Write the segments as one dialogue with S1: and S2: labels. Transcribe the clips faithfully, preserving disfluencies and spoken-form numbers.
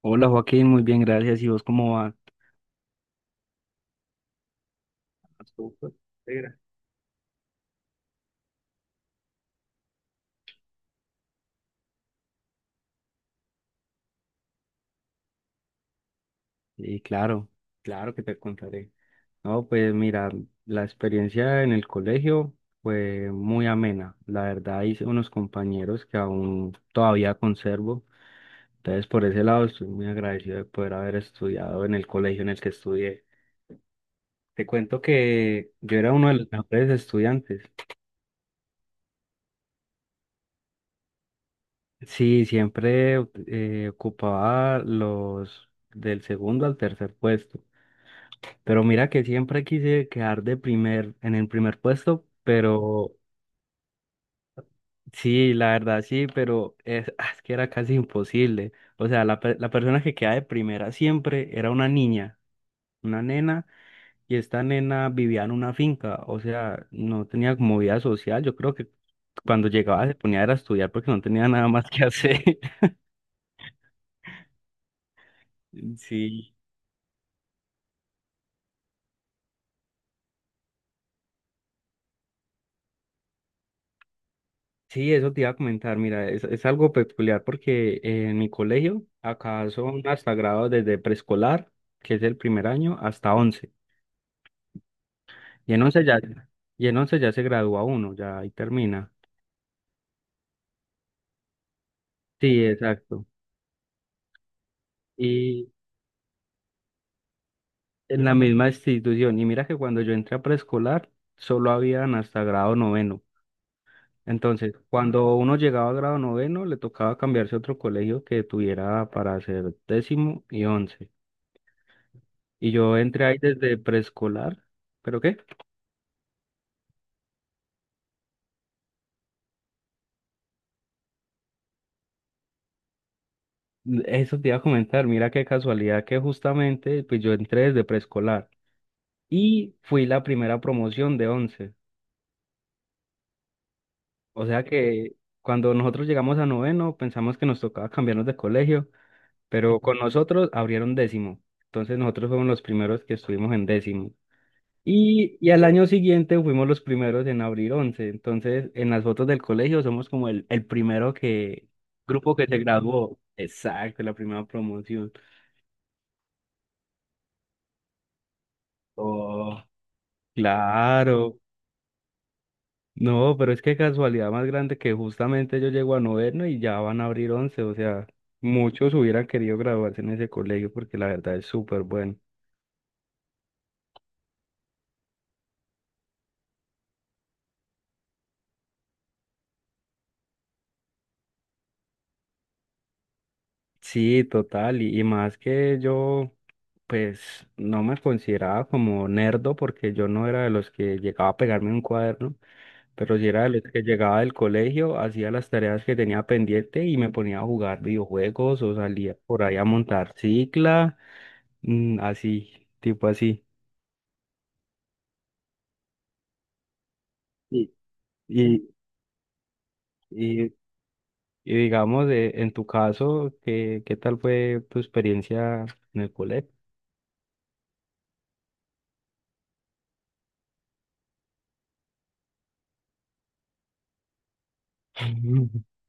S1: Hola Joaquín, muy bien, gracias. ¿Y vos cómo va? Sí, claro, claro que te contaré. No, pues mira, la experiencia en el colegio fue muy amena. La verdad hice unos compañeros que aún todavía conservo. Entonces por ese lado estoy muy agradecido de poder haber estudiado en el colegio en el que estudié. Te cuento que yo era uno de los mejores estudiantes. Sí, siempre eh, ocupaba los del segundo al tercer puesto. Pero mira que siempre quise quedar de primer, en el primer puesto, pero sí, la verdad sí, pero es, ah, es que era casi imposible. O sea, la, pe- la persona que queda de primera siempre era una niña, una nena, y esta nena vivía en una finca, o sea, no tenía como vida social. Yo creo que cuando llegaba se ponía era a estudiar porque no tenía nada más que hacer. Sí. Sí, eso te iba a comentar, mira, es, es algo peculiar porque eh, en mi colegio acá son hasta grados desde preescolar, que es el primer año, hasta once. Y en once ya, y en once ya se gradúa uno, ya ahí termina. Sí, exacto. Y en la misma institución. Y mira que cuando yo entré a preescolar, solo habían hasta grado noveno. Entonces, cuando uno llegaba a grado noveno, le tocaba cambiarse a otro colegio que tuviera para hacer décimo y once. Y yo entré ahí desde preescolar, ¿pero qué? Eso te iba a comentar, mira qué casualidad que justamente pues yo entré desde preescolar y fui la primera promoción de once. O sea que cuando nosotros llegamos a noveno pensamos que nos tocaba cambiarnos de colegio, pero con nosotros abrieron décimo. Entonces nosotros fuimos los primeros que estuvimos en décimo. Y, y al año siguiente fuimos los primeros en abrir once. Entonces, en las fotos del colegio somos como el, el primero que, grupo que se graduó. Exacto, la primera promoción. Oh, claro. No, pero es que casualidad más grande que justamente yo llego a noveno y ya van a abrir once. O sea, muchos hubieran querido graduarse en ese colegio porque la verdad es súper bueno. Sí, total. Y, y más que yo. Pues no me consideraba como nerdo porque yo no era de los que llegaba a pegarme un cuaderno, pero sí era de los que llegaba del colegio, hacía las tareas que tenía pendiente y me ponía a jugar videojuegos o salía por ahí a montar cicla, mm, así, tipo así. Y, y, y, y digamos, eh, en tu caso, ¿qué, qué tal fue tu experiencia en el colegio?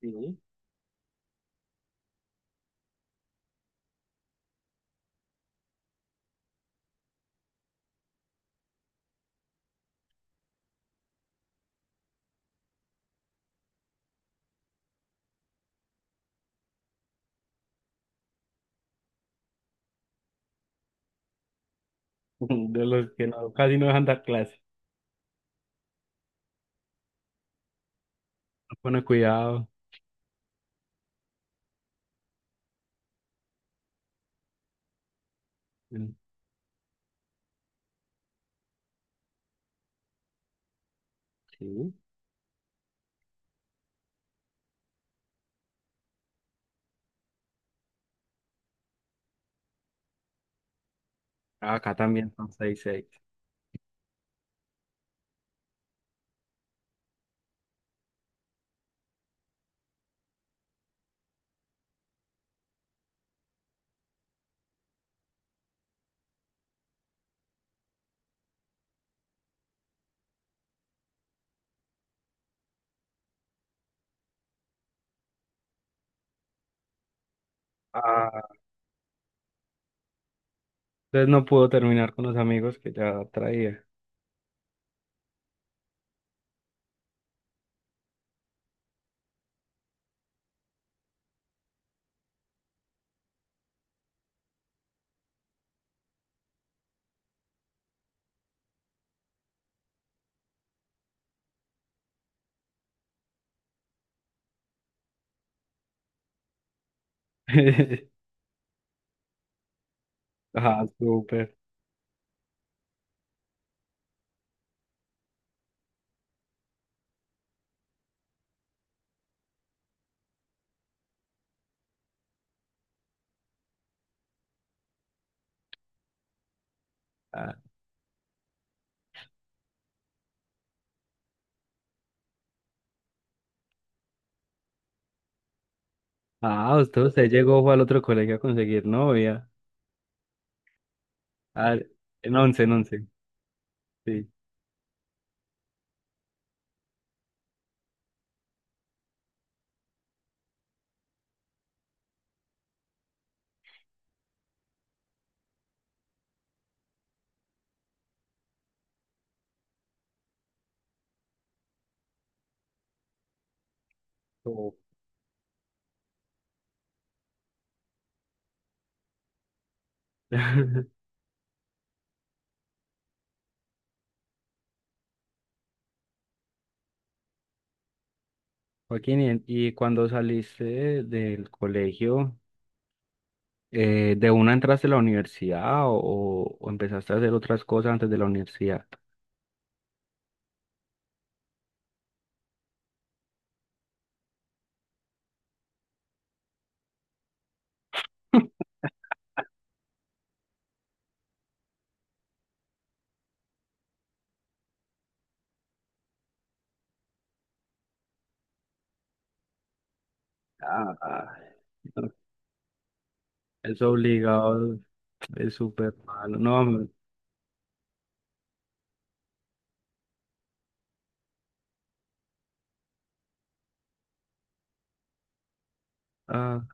S1: Sí. De los que no, casi no dejan dar clases, no pone cuidado. Mm. Sí. Ah, acá también son seis seis. Ah, entonces no pudo terminar con los amigos que ya traía. Ah, súper. Ah, ah, usted, usted llegó fue al otro colegio a conseguir novia. Ah, en once en once. Sí. Oh. Joaquín, y, en- y cuando saliste del colegio, eh, ¿de una entraste a la universidad o, o empezaste a hacer otras cosas antes de la universidad? Ah, ah, no, eso obligado es súper malo. No, ah,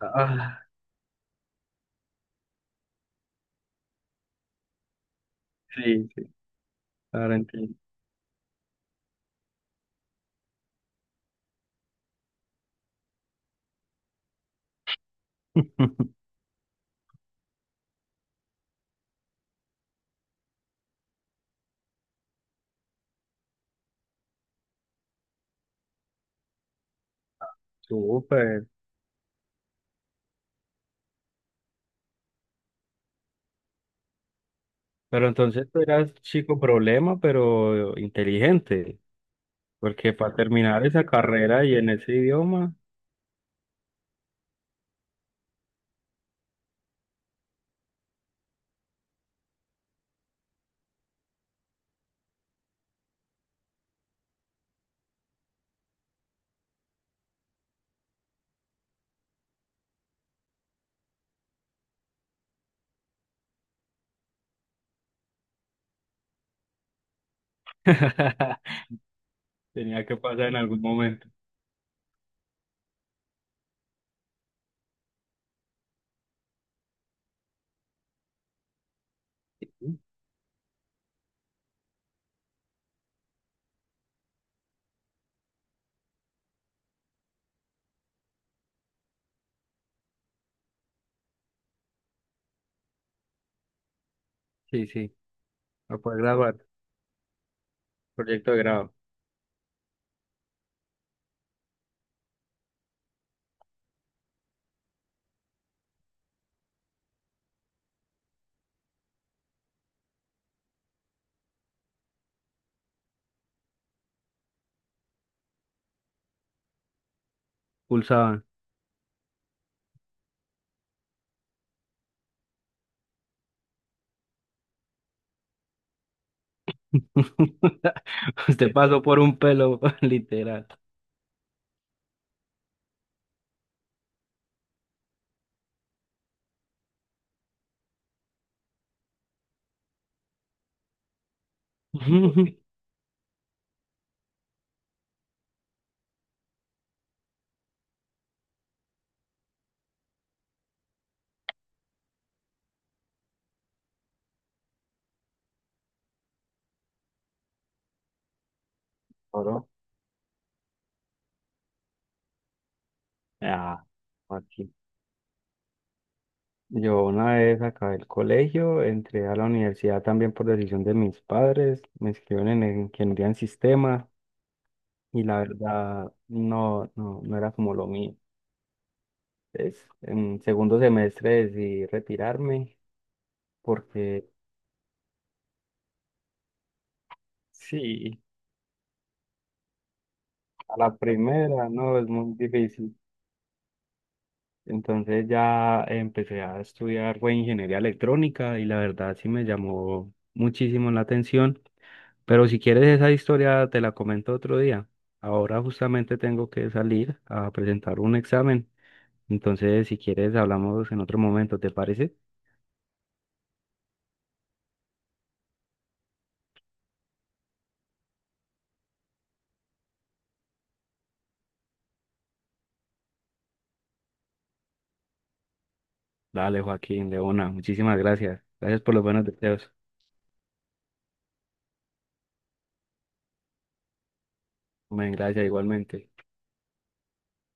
S1: ah. Sí, sí, ahora entiendo. Súper. Pero entonces tú eras chico problema, pero inteligente, porque para terminar esa carrera y en ese idioma tenía que pasar en algún momento. Sí, sí, para poder graduar, proyecto de grado, pulsaban. Usted pasó por un pelo, literal. Oro. Ah, aquí. Yo una vez acabé el colegio, entré a la universidad también por decisión de mis padres, me inscribieron en en ingeniería en sistemas y la verdad no, no, no era como lo mío. Entonces, en segundo semestre decidí retirarme porque sí, a la primera no es muy difícil. Entonces ya empecé a estudiar fue ingeniería electrónica y la verdad sí me llamó muchísimo la atención. Pero si quieres esa historia, te la comento otro día. Ahora justamente tengo que salir a presentar un examen. Entonces, si quieres, hablamos en otro momento, ¿te parece? Dale, Joaquín, Leona, muchísimas gracias. Gracias por los buenos deseos. Hombre, gracias igualmente.